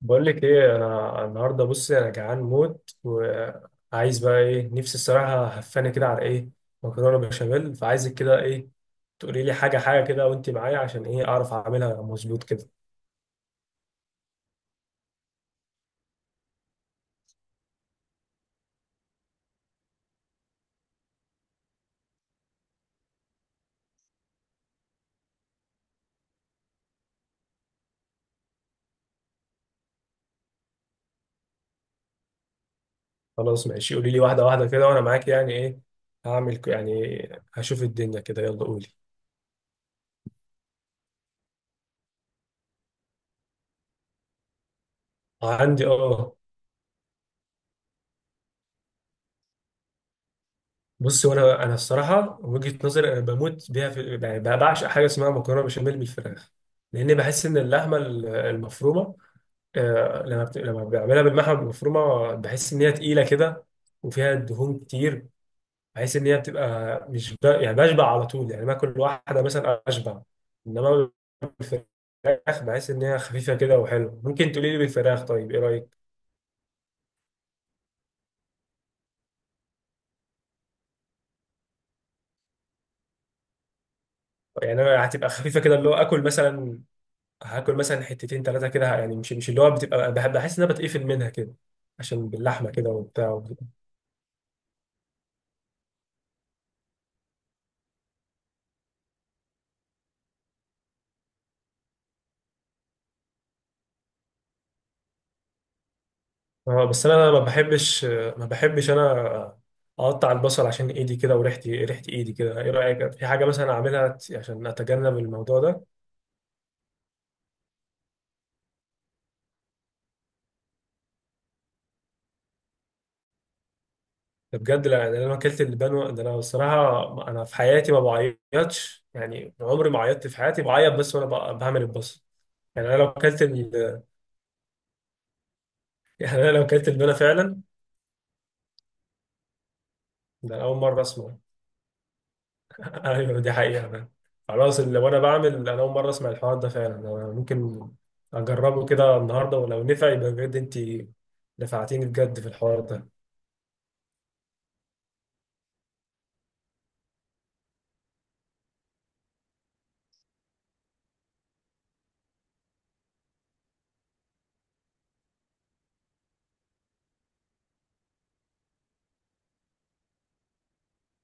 بقول لك ايه، انا النهارده بصي انا جعان موت وعايز بقى ايه، نفسي الصراحه هفاني كده على ايه؟ مكرونه بشاميل. فعايزك كده ايه، تقولي لي حاجه حاجه كده وانت معايا عشان ايه، اعرف اعملها مظبوط كده. خلاص ماشي، قولي لي واحده واحده كده وانا معاك يعني ايه. يعني هشوف الدنيا كده، يلا قولي. عندي اه. بصي، وانا الصراحه وجهه نظري، انا بموت بيها في، يعني بعشق حاجه اسمها مكرونه بشاميل بالفراخ. لان بحس ان اللحمه المفرومه، لما بعملها بالمحمل المفرومه بحس ان هي تقيله كده وفيها دهون كتير. بحس ان هي بتبقى مش ب... يعني بشبع على طول، يعني باكل واحده مثلا اشبع. انما بالفراخ بحس ان هي خفيفه كده وحلوه. ممكن تقولي لي بالفراخ؟ طيب ايه رايك؟ يعني أنا هتبقى خفيفه كده، اللي هو اكل مثلا، هاكل مثلا حتتين ثلاثه كده، يعني مش اللي هو بتبقى، بحس ان انا بتقفل منها كده عشان باللحمه كده وبتاع. اه بس انا ما بحبش انا اقطع البصل عشان ايدي كده، وريحتي ريحه ايدي كده. ايه رايك في حاجه مثلا اعملها عشان اتجنب الموضوع ده؟ ده بجد. لا، ده انا لو اكلت اللبان ده انا الصراحه، انا في حياتي ما بعيطش، يعني عمري ما عيطت في حياتي، بعيط بس وانا بعمل البصل. يعني انا لو اكلت ال... يعني انا لو اكلت اللبانه فعلا. ده أنا اول مره اسمع. ايوه، دي حقيقة فعلا. خلاص، اللي وانا بعمل انا اول مرة اسمع الحوار ده فعلا. انا ممكن اجربه كده النهاردة، ولو نفع يبقى بجد انت نفعتيني بجد في الحوار ده.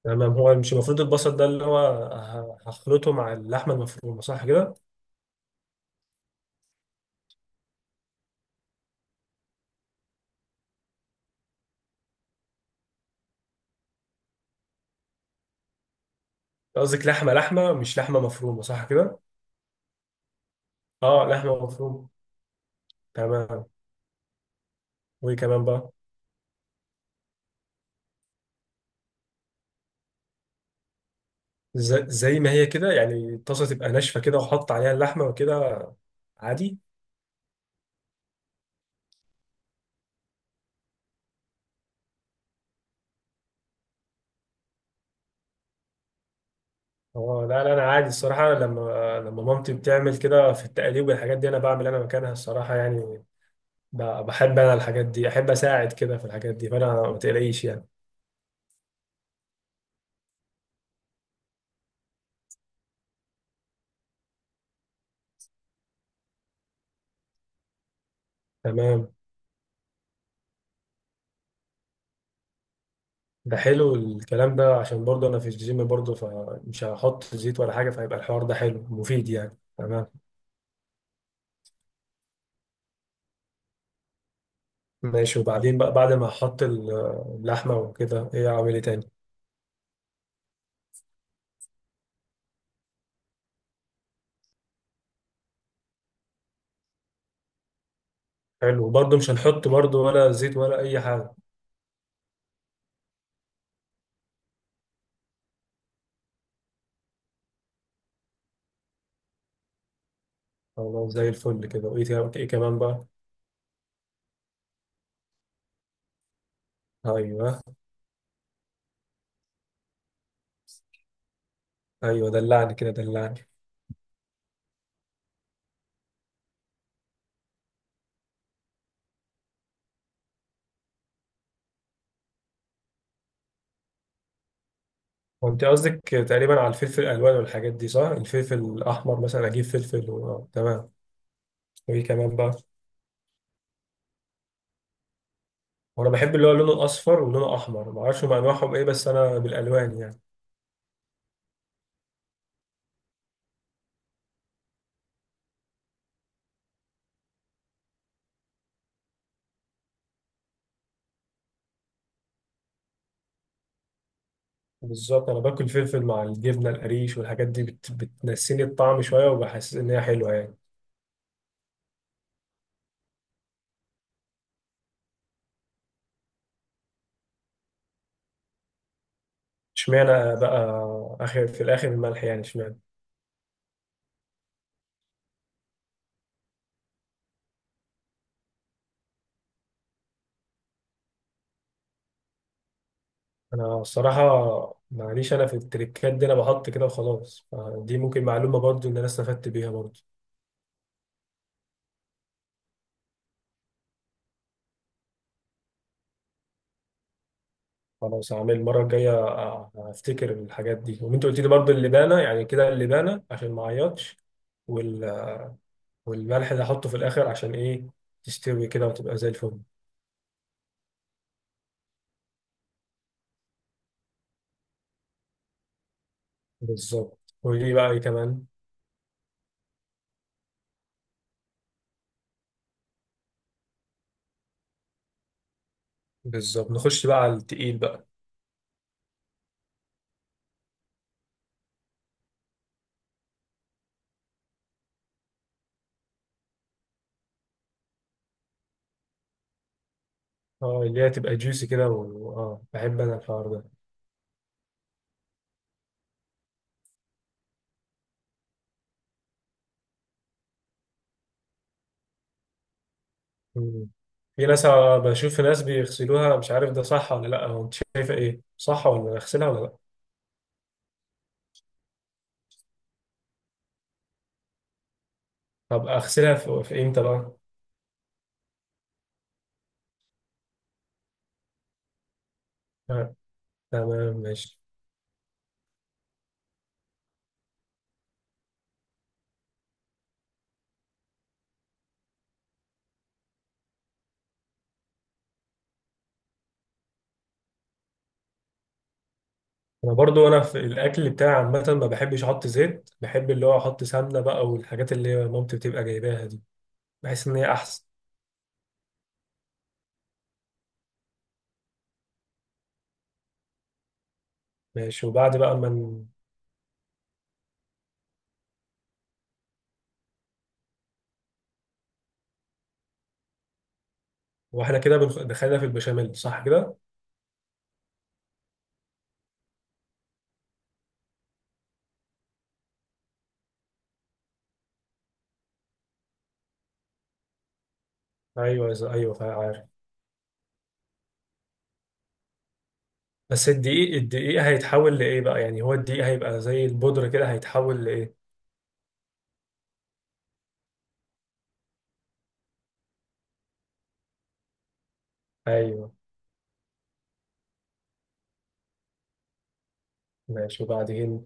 تمام. هو مش المفروض البصل ده اللي هو هخلطه مع اللحمة المفرومة، صح كده؟ قصدك لحمة لحمة مش لحمة مفرومة، صح كده؟ اه، لحمة مفرومة. تمام. وايه كمان بقى؟ زي ما هي كده، يعني الطاسة تبقى ناشفة كده وحط عليها اللحمة وكده، عادي؟ هو لا لا، انا عادي الصراحه. أنا لما مامتي بتعمل كده في التقليب والحاجات دي انا بعمل انا مكانها الصراحه يعني، بحب انا الحاجات دي، احب اساعد كده في الحاجات دي، فانا ما تقلقيش يعني. تمام، ده حلو الكلام ده، عشان برضه انا في الجيم برضه، فمش هحط زيت ولا حاجه، فهيبقى الحوار ده حلو مفيد يعني. تمام ماشي. وبعدين بقى بعد ما احط اللحمه وكده، ايه اعمل ايه تاني؟ حلو، وبرضه مش هنحط برضه ولا زيت ولا اي حاجه؟ خلاص زي الفل كده. وايه إيه كمان بقى؟ ايوه. ايوه، دلعني كده دلعني. وانت قصدك تقريبا على الفلفل الالوان والحاجات دي، صح؟ الفلفل الاحمر مثلا، اجيب فلفل و... آه، تمام. وايه كمان بقى؟ وانا بحب اللي هو لونه الاصفر ولونه احمر، ما اعرفش هم انواعهم ايه، بس انا بالالوان يعني. بالظبط، انا باكل فلفل مع الجبنه القريش والحاجات دي، بتنسيني الطعم شويه، وبحس ان هي حلوه يعني. اشمعنى بقى اخر في الاخر الملح يعني، اشمعنى؟ انا الصراحه معليش، انا في التريكات دي انا بحط كده وخلاص. دي ممكن معلومه برضو ان انا استفدت بيها برضو. خلاص هعمل المرة الجاية هفتكر الحاجات دي. وانت قلت لي برضه اللبانة يعني كده، اللبانة عشان ما اعيطش، وال... والملح اللي هحطه في الآخر عشان ايه، تستوي كده وتبقى زي الفل. بالظبط. ودي بقى ايه كمان؟ بالظبط، نخش بقى على التقيل بقى. اه اللي هي تبقى جوسي كده، اه بحب انا الحوار ده. مم. في ناس آه، بشوف ناس بيغسلوها، مش عارف ده صح ولا لا. هو انت شايفة ايه، صح ولا اغسلها ولا لا؟ طب اغسلها في امتى بقى؟ آه. تمام ماشي. انا برضو انا في الاكل بتاعي عامه ما بحبش احط زيت، بحب اللي هو احط سمنه بقى والحاجات اللي مامتي بتبقى جايباها دي، بحس ان هي احسن. ماشي، وبعد بقى ما ن- واحنا كده دخلنا في البشاميل، صح كده؟ ايوه ايوه عارف. بس الدقيق، الدقيق هيتحول لايه بقى؟ يعني هو الدقيق هيبقى زي البودره كده، هيتحول لايه؟ ايوه. ماشي وبعدين؟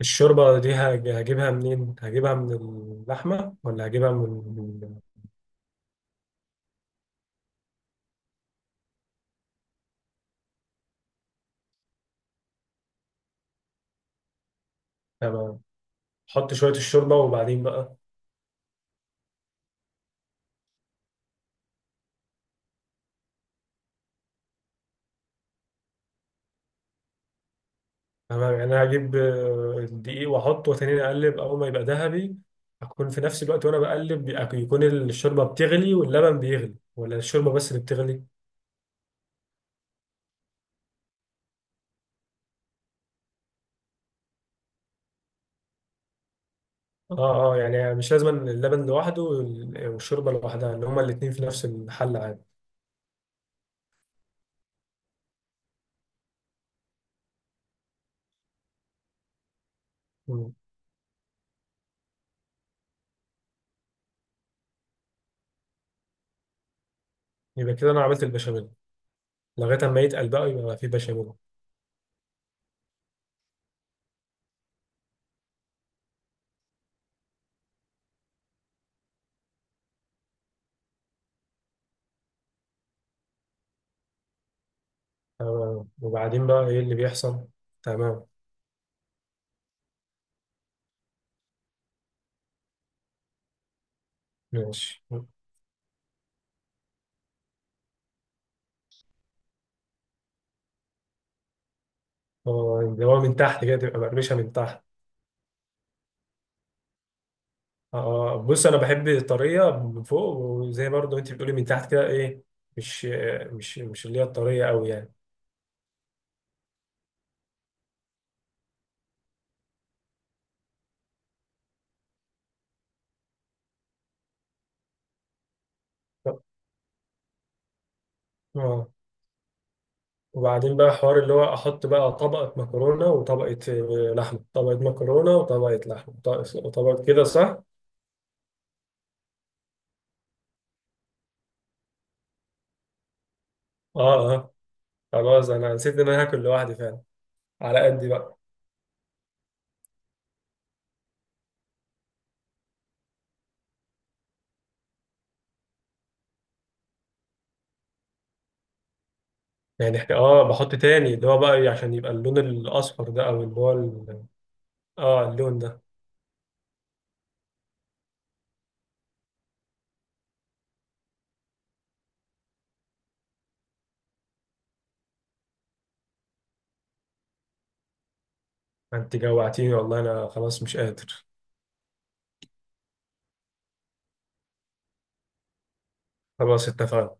الشوربه دي هجيبها منين، هجيبها من اللحمه ولا هجيبها من- تمام. احط شويه الشوربه وبعدين بقى. تمام، يعني انا هجيب الدقيق واحطه وتاني اقلب اول ما يبقى ذهبي. اكون في نفس الوقت وانا بقلب يكون الشوربه بتغلي واللبن بيغلي، ولا الشوربه بس اللي بتغلي؟ اه اه، يعني مش لازم اللبن لوحده والشوربه لوحدها، ان هما الاتنين في نفس الحل عادي؟ مم. يبقى كده انا عملت البشاميل لغايه اما يتقل بقى، يبقى في بشاميل. وبعدين بقى ايه اللي بيحصل؟ تمام ماشي. اه اللي هو من تحت كده تبقى مقرمشه من تحت. اه بص، انا بحب طريه من فوق، وزي برضو انت بتقولي من تحت كده ايه، مش مش اللي هي الطريه قوي يعني. اه. وبعدين بقى حوار اللي هو احط بقى طبقه مكرونه وطبقه لحمه، طبقه مكرونه وطبقه لحمه وطبقه كده، صح؟ اه اه، خلاص انا نسيت ان انا هاكل لوحدي فعلا، على قدي بقى. يعني احنا اه بحط تاني اللي هو بقى عشان يبقى اللون الاصفر ده او اللي هو اه اللون ده. انت جوعتيني والله، انا خلاص مش قادر. خلاص اتفقنا.